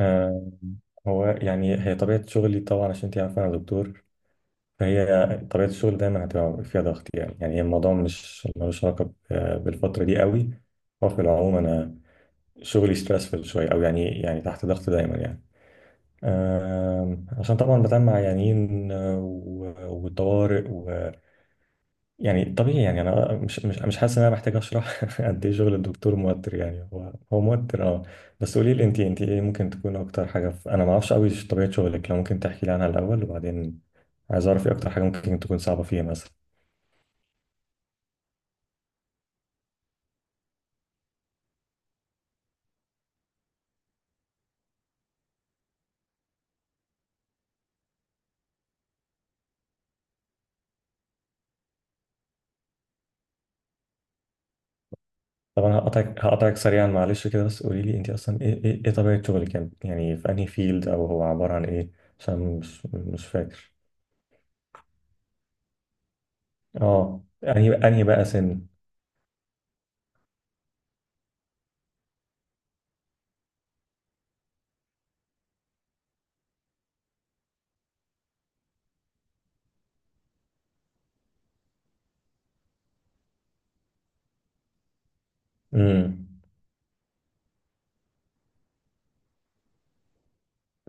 آه، هو يعني هي طبيعة شغلي طبعا، عشان انت عارفة أنا دكتور. فهي طبيعة الشغل دايما هتبقى فيها ضغط. يعني هي الموضوع مش ملوش علاقة بالفترة دي قوي. هو في العموم أنا شغلي ستريسفul شوية، أو يعني تحت ضغط دايما يعني. عشان طبعا بتعامل مع عيانين، والطوارئ. يعني طبيعي، يعني انا مش حاسس ان انا محتاج اشرح قد ايه شغل الدكتور موتر. يعني هو موتر، اه. بس قولي لي، انت ايه ممكن تكون اكتر حاجه انا ما اعرفش قوي طبيعه شغلك. لو ممكن تحكي لي عنها الاول، وبعدين عايز اعرف ايه اكتر حاجه ممكن تكون صعبه فيها مثلا. طبعا هقطعك هقطعك سريعا، معلش كده. بس قولي لي، انت اصلا ايه إيه طبيعه شغلك؟ يعني في انهي فيلد، او هو عباره عن ايه؟ عشان مش فاكر. اه، انهي بقى سن؟ امم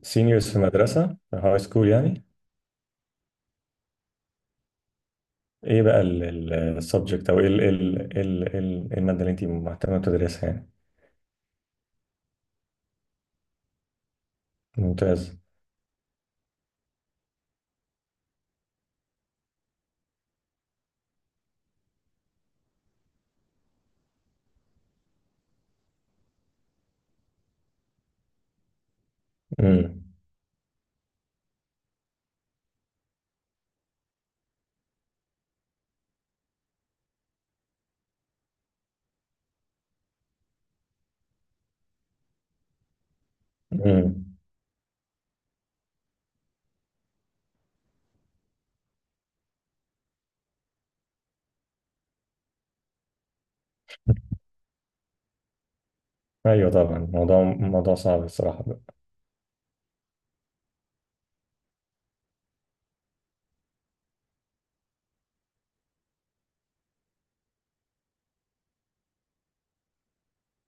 سينيورز في مدرسه، في هاي سكول يعني. ايه بقى السبجكت، او ايه ال المادة اللي انت مهتمة تدرسها يعني؟ ممتاز. امم امم ايوه طبعا، موضوع موضوع صعب الصراحة.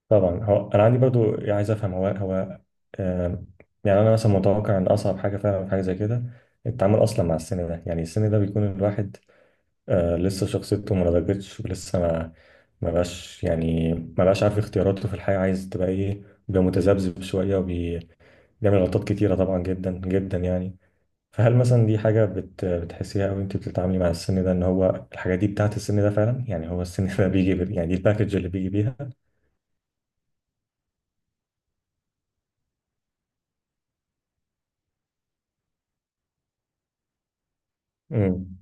طبعا، هو انا عندي برضو يعني عايز افهم هو. آم، يعني انا مثلا متوقع ان اصعب حاجة فعلا في حاجة زي كده التعامل اصلا مع السن ده. يعني السن ده بيكون الواحد لسه شخصيته ما نضجتش، ولسه ما بقاش، يعني ما بقاش عارف اختياراته في الحياة عايز تبقى ايه. بيبقى متذبذب شوية، بيعمل غلطات كتيرة طبعا، جدا جدا يعني. فهل مثلا دي حاجة بتحسيها، أو أنت بتتعاملي مع السن ده إن هو الحاجات دي بتاعت السن ده فعلا؟ يعني هو السن ده بيجي. يعني دي الباكج اللي بيجي بيها. امم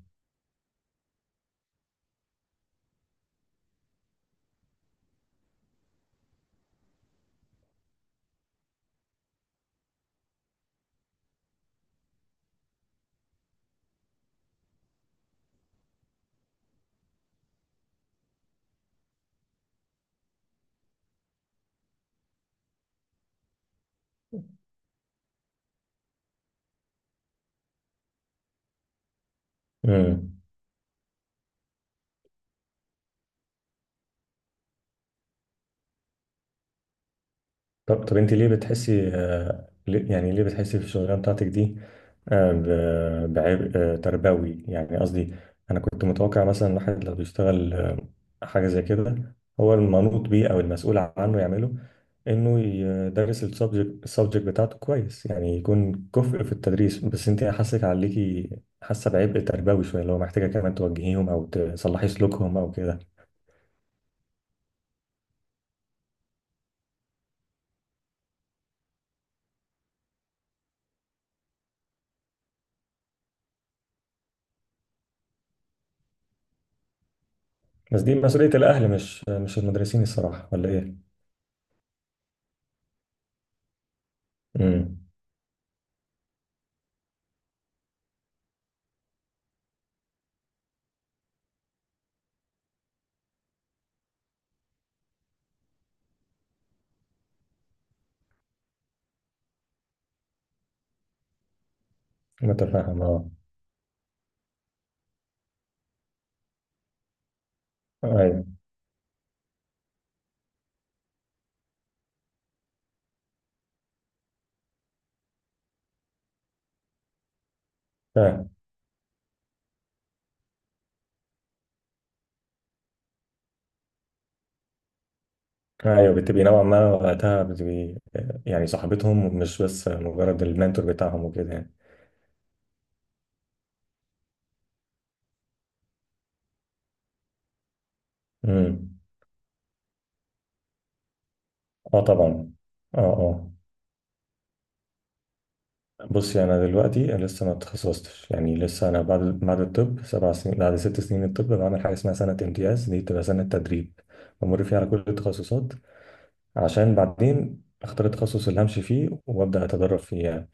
امم طب طب انت ليه بتحسي يعني ليه بتحسي في الشغلانه بتاعتك دي بعبء تربوي يعني، قصدي. انا كنت متوقع مثلا الواحد لو بيشتغل حاجه زي كده هو المنوط بيه او المسؤول عنه يعمله، انه يدرس السبجكت السبجكت بتاعته كويس، يعني يكون كفء في التدريس. بس انت حاسك عليكي، حاسه بعبء تربوي شويه، اللي هو محتاجه كمان توجهيهم او تصلحي سلوكهم او كده. بس دي مسؤوليه الاهل، مش المدرسين الصراحه، ولا ايه؟ امم متفاهم اه. ايوه فاهم. ايوه، بتبقي نوعا ما وقتها بتبقي يعني صاحبتهم، مش بس مجرد المنتور بتاعهم وكده يعني. امم اه طبعا. اه اه، بصي انا دلوقتي لسه ما اتخصصتش. يعني لسه انا بعد الطب 7 سنين، بعد 6 سنين الطب بعمل حاجه اسمها سنه امتياز. دي بتبقى سنه تدريب بمر فيها على كل التخصصات عشان بعدين اختار التخصص اللي همشي فيه وابدا اتدرب فيه يعني.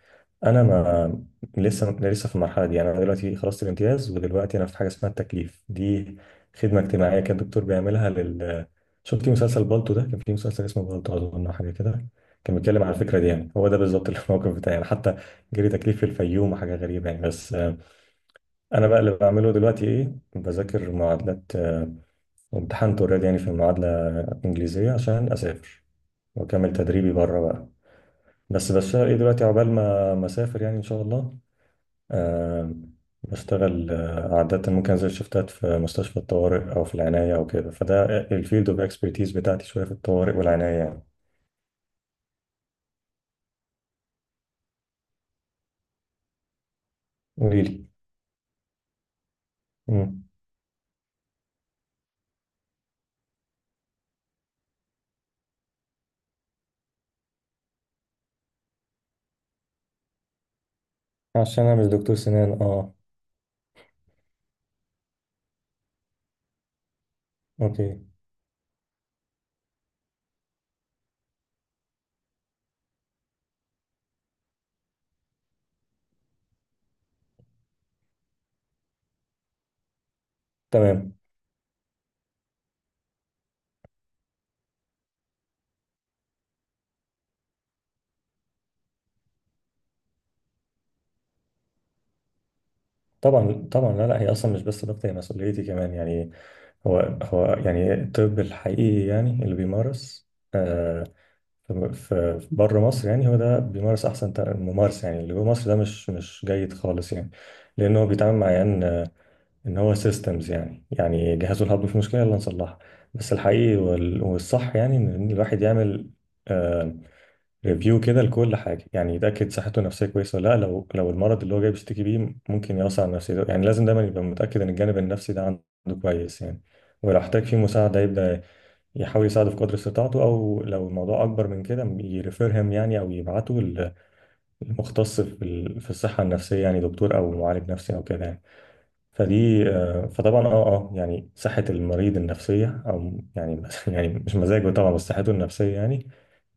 انا ما لسه في المرحله دي. يعني انا دلوقتي خلصت الامتياز، ودلوقتي انا في حاجه اسمها التكليف. دي خدمه اجتماعيه كان الدكتور بيعملها لل، شفتي مسلسل بالطو ده؟ كان في مسلسل اسمه بالطو اظن أو حاجه كده، كان بيتكلم على الفكره دي. يعني هو ده بالظبط الموقف بتاعي يعني، حتى جري تكليف في الفيوم وحاجه غريبه يعني. بس انا بقى اللي بعمله دلوقتي ايه؟ بذاكر معادلات، وامتحنت اوريدي يعني في المعادله الانجليزيه عشان اسافر واكمل تدريبي بره بقى. بس بشتغل ايه دلوقتي عقبال ما اسافر يعني ان شاء الله. أه، بشتغل عادة ممكن انزل شفتات في مستشفى الطوارئ او في العناية او كده. فده الفيلد اوف اكسبرتيز بتاعتي، شوية في الطوارئ والعناية يعني. قولي لي. مم. عشان انا مش دكتور سنان اه. اوكي. تمام. طبعا طبعا، لا لا، هي اصلا مش بس ضغطي، هي مسؤوليتي كمان يعني. هو يعني الطب الحقيقي، يعني اللي بيمارس في بره مصر، يعني هو ده بيمارس احسن ممارسه. يعني اللي جوه مصر ده مش جيد خالص يعني، لان هو بيتعامل مع عيان ان هو سيستمز. يعني يعني جهازه الهضمي في مشكله يلا نصلحها. بس الحقيقي والصح يعني ان إن الواحد يعمل ريفيو كده لكل حاجه، يعني يتاكد صحته النفسيه كويسه ولا لا، لو المرض اللي هو جاي بيشتكي بيه ممكن يأثر على نفسيته. يعني لازم دايما يبقى متاكد ان الجانب النفسي ده عنده كويس يعني، ولو احتاج فيه مساعده يبدا يحاول يساعده في قدر استطاعته، او لو الموضوع اكبر من كده يريفيرهم يعني، او يبعته للمختص في في الصحه النفسيه يعني، دكتور او معالج نفسي او كده يعني. فدي فطبعا اه اه يعني صحه المريض النفسيه او يعني يعني مش مزاجه طبعا، بس صحته النفسيه يعني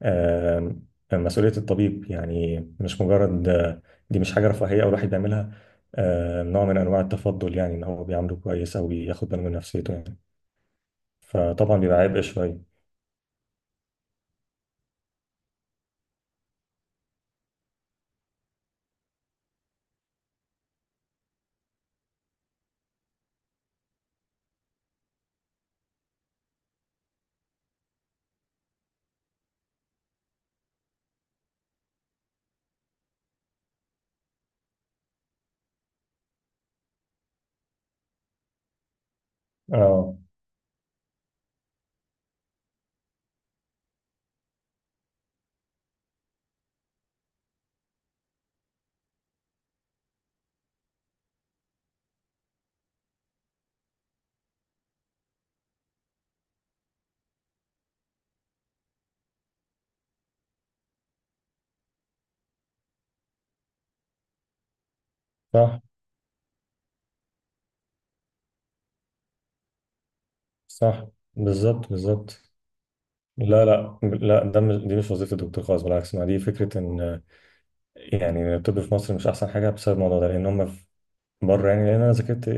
آه، مسؤوليه الطبيب. يعني مش مجرد دي مش حاجه رفاهيه او الواحد بيعملها نوع من انواع التفضل، يعني ان هو بيعامله كويس او بياخد باله من نفسيته يعني. فطبعا بيبقى عبء شويه. اه صح صح، بالظبط بالظبط. لا لا لا، ده مش، دي مش وظيفة الدكتور خالص. بالعكس، ما دي فكرة ان يعني الطب في مصر مش احسن حاجة بسبب الموضوع ده، لان هم في بره يعني. لان انا ذاكرت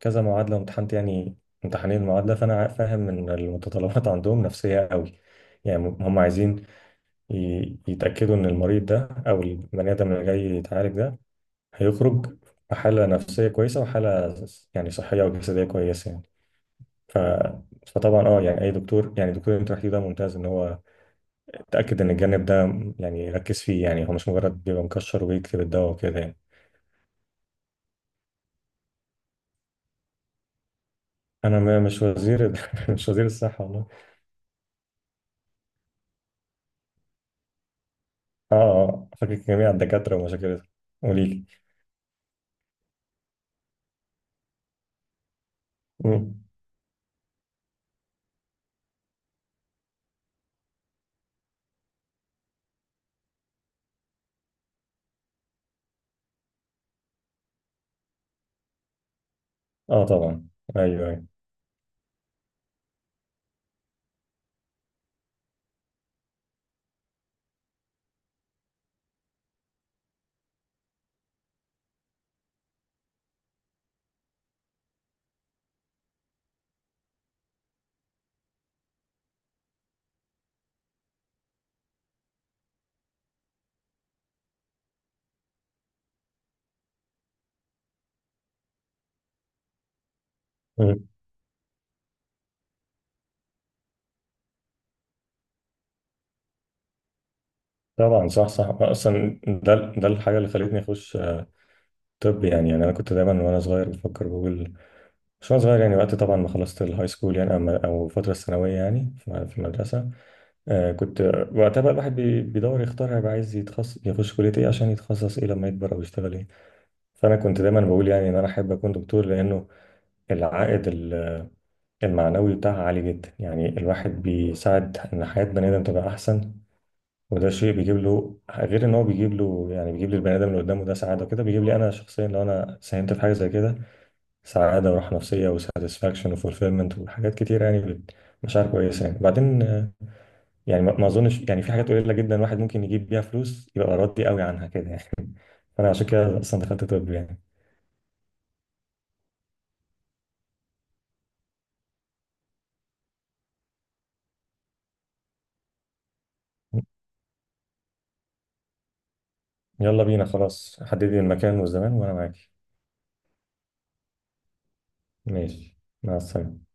كذا معادلة وامتحنت يعني امتحانين المعادلة، فانا فاهم ان المتطلبات عندهم نفسية قوي. يعني هم عايزين يتأكدوا ان المريض ده او البني ادم اللي جاي يتعالج ده هيخرج بحالة نفسية كويسة وحالة يعني صحية وجسدية كويسة يعني. ف... فطبعا اه يعني اي دكتور، يعني دكتور انت رحتيه ده ممتاز ان هو اتاكد ان الجانب ده، يعني ركز فيه. يعني هو مش مجرد بيبقى مكشر وبيكتب الدواء وكده يعني. انا ما- مش وزير ال- مش وزير الصحه والله. اه اه، فاكك جميع الدكاتره ومشاكلهم. قولي لي. مم. اه طبعا. ايوه ايوه. مم. طبعا صح صح، اصلا ده الحاجه اللي خلتني اخش طب. يعني انا كنت دايما وانا صغير بفكر بقول، مش وانا صغير يعني وقت طبعا ما خلصت الهاي سكول يعني، او الفتره الثانويه يعني في المدرسه، آه كنت وقتها بقى الواحد بيدور يختار هيبقى عايز يتخصص، يخش كلية ايه عشان يتخصص ايه لما يكبر او يشتغل ايه. فانا كنت دايما بقول يعني ان انا احب اكون دكتور، لانه العائد المعنوي بتاعها عالي جدا. يعني الواحد بيساعد ان حياة بني ادم تبقى احسن، وده شيء بيجيب له غير ان هو بيجيب له، يعني بيجيب للبني ادم اللي قدامه ده سعادة وكده، بيجيب لي انا شخصيا لو انا ساهمت في حاجة زي كده سعادة وراحة نفسية وساتسفاكشن وفولفيلمنت وحاجات كتير يعني. مشاعر كويسة يعني بعدين. يعني ما اظنش يعني في حاجات قليله جدا الواحد ممكن يجيب بيها فلوس يبقى راضي قوي عنها كده يعني. فانا عشان كده اصلا دخلت طب يعني. يلا بينا خلاص، حددي المكان والزمان وانا معاكي. ماشي. مع السلامه.